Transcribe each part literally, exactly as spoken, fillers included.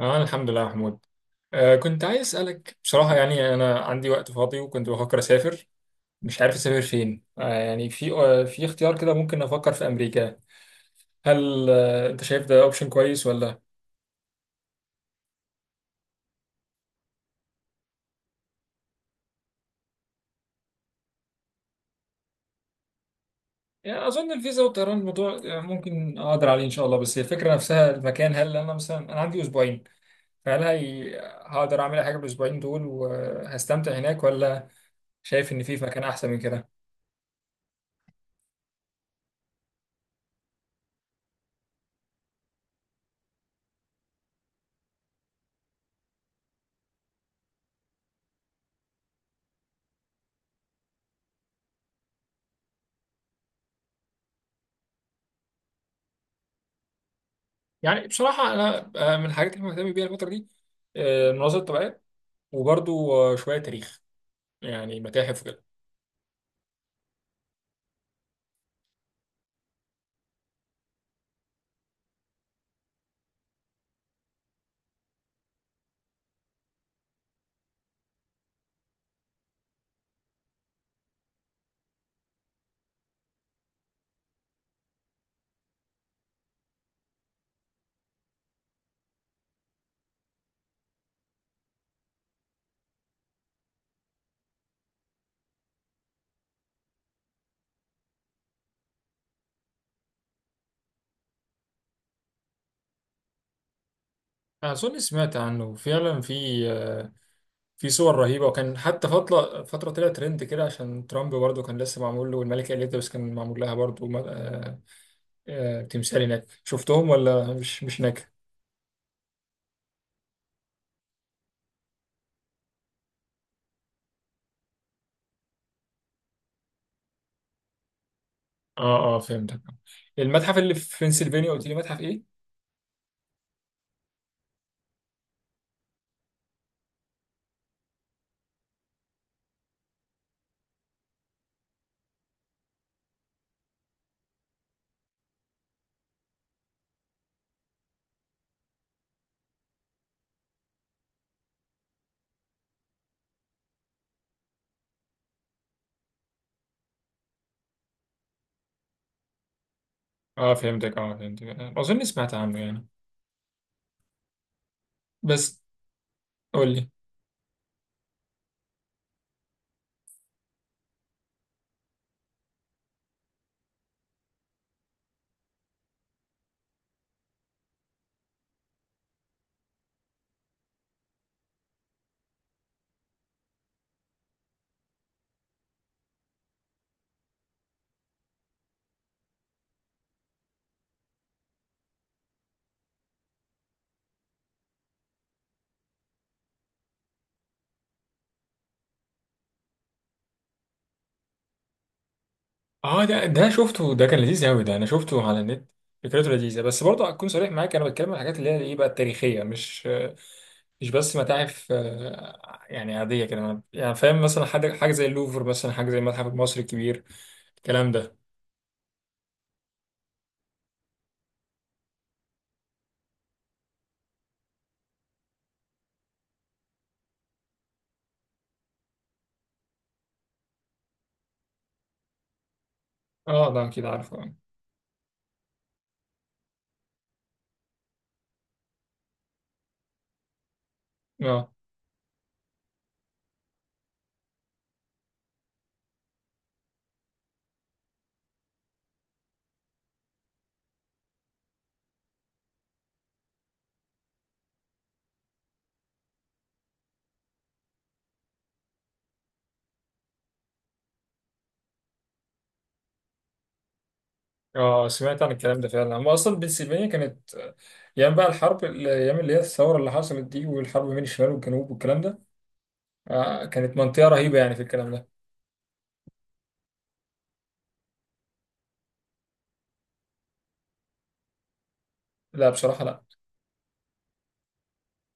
اه، الحمد لله يا محمود. آه كنت عايز اسالك. بصراحه يعني انا عندي وقت فاضي وكنت بفكر اسافر، مش عارف اسافر فين. آه يعني في آه في اختيار كده، ممكن افكر في امريكا. هل آه انت شايف ده اوبشن كويس ولا؟ يعني اظن الفيزا والطيران الموضوع آه، ممكن اقدر عليه ان شاء الله، بس هي الفكره نفسها المكان. هل انا مثلا انا عندي اسبوعين؟ فهل هي... آه، هقدر اعمل أي حاجه بالاسبوعين دول وهستمتع هناك، ولا شايف ان في مكان احسن من كده؟ يعني بصراحه انا، آه، من الحاجات اللي مهتم بيها الفتره دي آه، المناظر الطبيعية، وبرضو آه، شوية تاريخ، يعني متاحف وكده. أظن سمعت عنه فعلا، في آه، في صور رهيبة، وكان حتى فترة فترة طلع ترند كده عشان ترامب برضه كان لسه معمول له، والملكة إليزابيث كان معمول لها برضه. م- آه، آه، تمثال هناك شفتهم ولا مش مش هناك؟ اه اه، فهمتك. المتحف اللي في بنسلفانيا قلت لي متحف ايه؟ اه فهمتك، اه فهمتك. آه، أظن سمعت عنه يعني، بس قول لي. اه، ده ده شفته، ده كان لذيذ قوي، ده انا شفته على النت. فكرته لذيذه، بس برضه هكون صريح معاك، انا بتكلم عن الحاجات اللي هي ايه بقى، التاريخيه، مش مش بس متاحف آه، يعني عاديه كده. أنا- يعني فاهم مثلا، حاجه حاجه زي اللوفر مثلا، حاجه زي المتحف المصري الكبير، الكلام ده. اه ده اكيد عارفه. اه اه، سمعت عن الكلام ده فعلا. هو اصلا بنسلفانيا كانت، آه، ايام بقى الحرب، الايام اللي هي الثوره اللي حصلت دي، والحرب بين الشمال والجنوب والكلام ده. آه كانت منطقه رهيبه يعني في الكلام ده. لا بصراحه.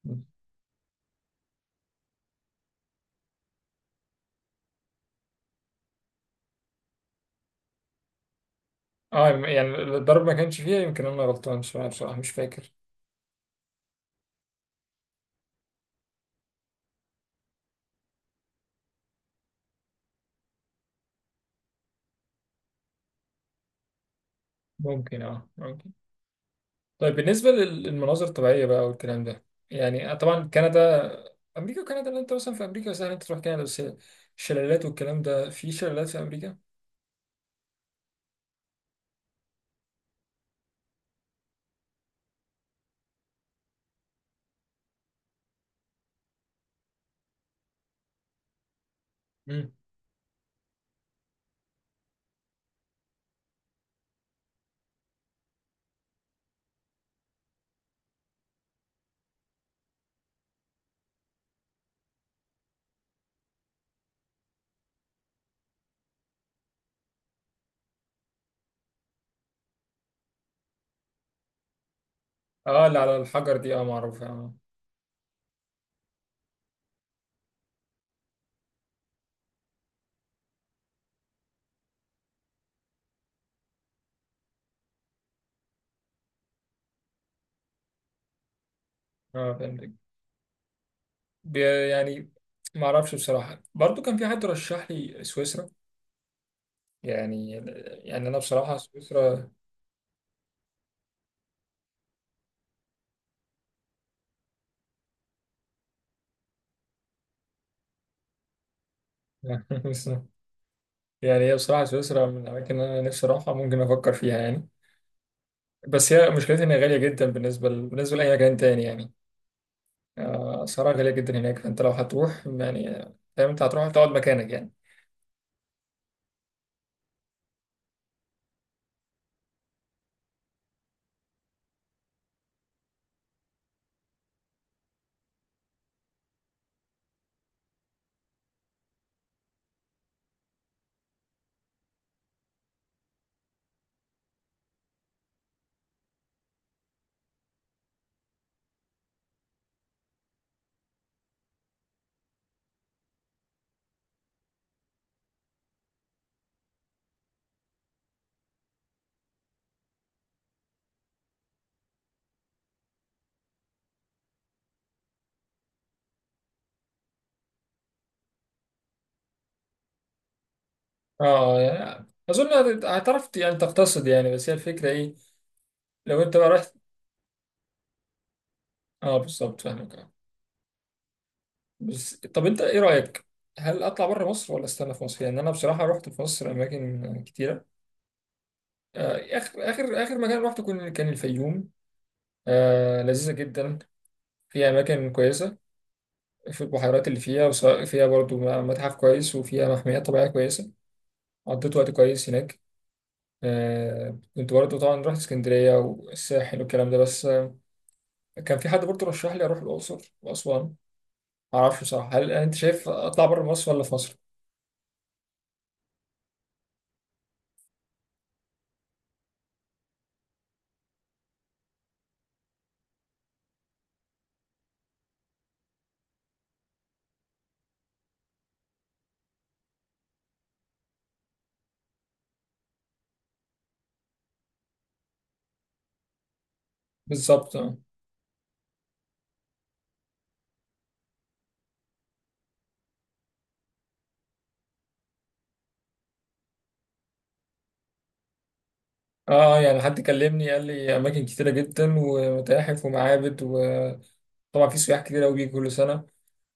لا، اه يعني الضرب ما كانش فيها، يمكن انا غلطان شويه بصراحه، مش فاكر. ممكن، اه ممكن. طيب بالنسبه لل- للمناظر الطبيعيه بقى والكلام ده، يعني طبعا كندا. امريكا وكندا، لو انت مثلا في امريكا سهل انت تروح كندا. بس الشلالات والكلام ده، في شلالات في امريكا؟ امم. اه، اللي على الحجر دي، اه معروفه اه. اه فهمتك، بي- يعني ما اعرفش بصراحه. برضو كان في حد رشح لي سويسرا يعني. يعني انا بصراحه سويسرا. يعني هي بصراحه سويسرا من الاماكن اللي انا نفسي اروحها، ممكن افكر فيها يعني. بس هي مشكلتها إنها غالية جدا بالنسبة ل... بالنسبة لأي مكان تاني يعني. آه، أسعارها غالية جدا هناك، فأنت لو هتروح يعني، فاهم، أنت هتروح تقعد مكانك يعني. أه، يعني أظن هت- هتعرف يعني تقتصد يعني. بس هي الفكرة إيه لو أنت بقى رحت. أه بالظبط، فاهمك أه. بس طب أنت إيه رأيك؟ هل أطلع بره مصر ولا أستنى في مصر؟ يعني أنا بصراحة رحت في مصر أماكن كتيرة. آه، آخر آخر آخر مكان رحته كان كان الفيوم. آه، لذيذة جدا، فيها أماكن كويسة، في البحيرات اللي فيها، وسواء فيها برضو م- متحف كويس، وفيها محميات طبيعية كويسة. قضيت وقت كويس هناك. آه، كنت برضو طبعا رحت اسكندرية والساحل والكلام ده، بس آه، كان في حد برضو رشح لي أروح الأقصر وأسوان. معرفش بصراحة، هل أنت شايف أطلع بره مصر ولا في مصر؟ بالظبط آه. آه، يعني حد كلمني قال لي أماكن كتيرة جدا، ومتاحف ومعابد، وطبعا في سياح كتير أوي بيجوا كل سنة.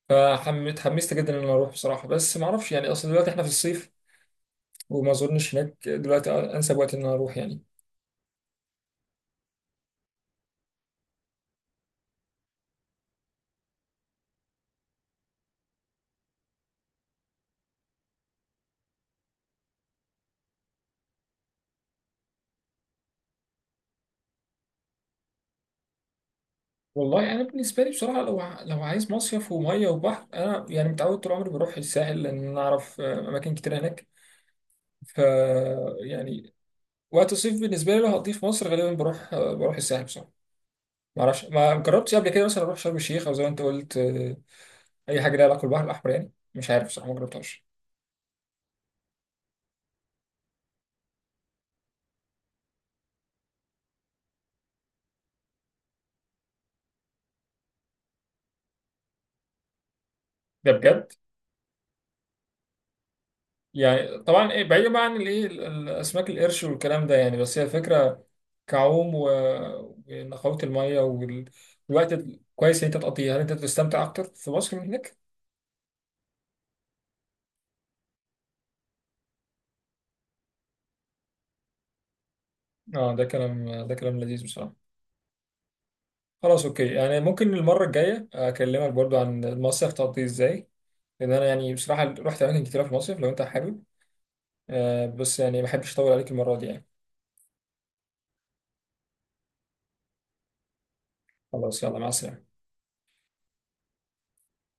فحمست، حمست جدا إن أنا أروح بصراحة. بس معرفش يعني، أصل دلوقتي إحنا في الصيف، وما اظنش هناك دلوقتي انسب وقت ان انا اروح يعني. والله انا بالنسبه لي بصراحه، لو ع- لو عايز مصيف وميه وبحر، انا يعني متعود طول عمري بروح الساحل، لان انا اعرف آه، اماكن كتير هناك. ف يعني وقت الصيف بالنسبه لي لو هقضيه في مصر غالبا بروح، آه، بروح الساحل بصراحه. ما اعرفش، ما جربتش قبل كده مثلا اروح شرم الشيخ، او زي ما انت قلت آه، اي حاجه ليها علاقه بالبحر الاحمر. يعني مش عارف بصراحه، ما جربتهاش. ده بجد؟ يعني طبعا ايه، بعيدا بقى عن الايه ال- الاسماك القرش والكلام ده يعني. بس هي الفكره، كعوم و- ونقاوه الميه وال- والوقت ال- كويس ان انت تقضيه، هل انت تستمتع اكتر في مصر من هناك؟ اه ده كلام، ده كلام لذيذ بصراحه. خلاص اوكي، يعني ممكن المره الجايه اكلمك برضو عن المصيف تقضيه ازاي، لان انا يعني بصراحه رحت اماكن كتيره في المصيف، لو انت حابب. آه بس يعني ما احبش اطول عليك المره دي يعني. خلاص، يلا مع السلامه.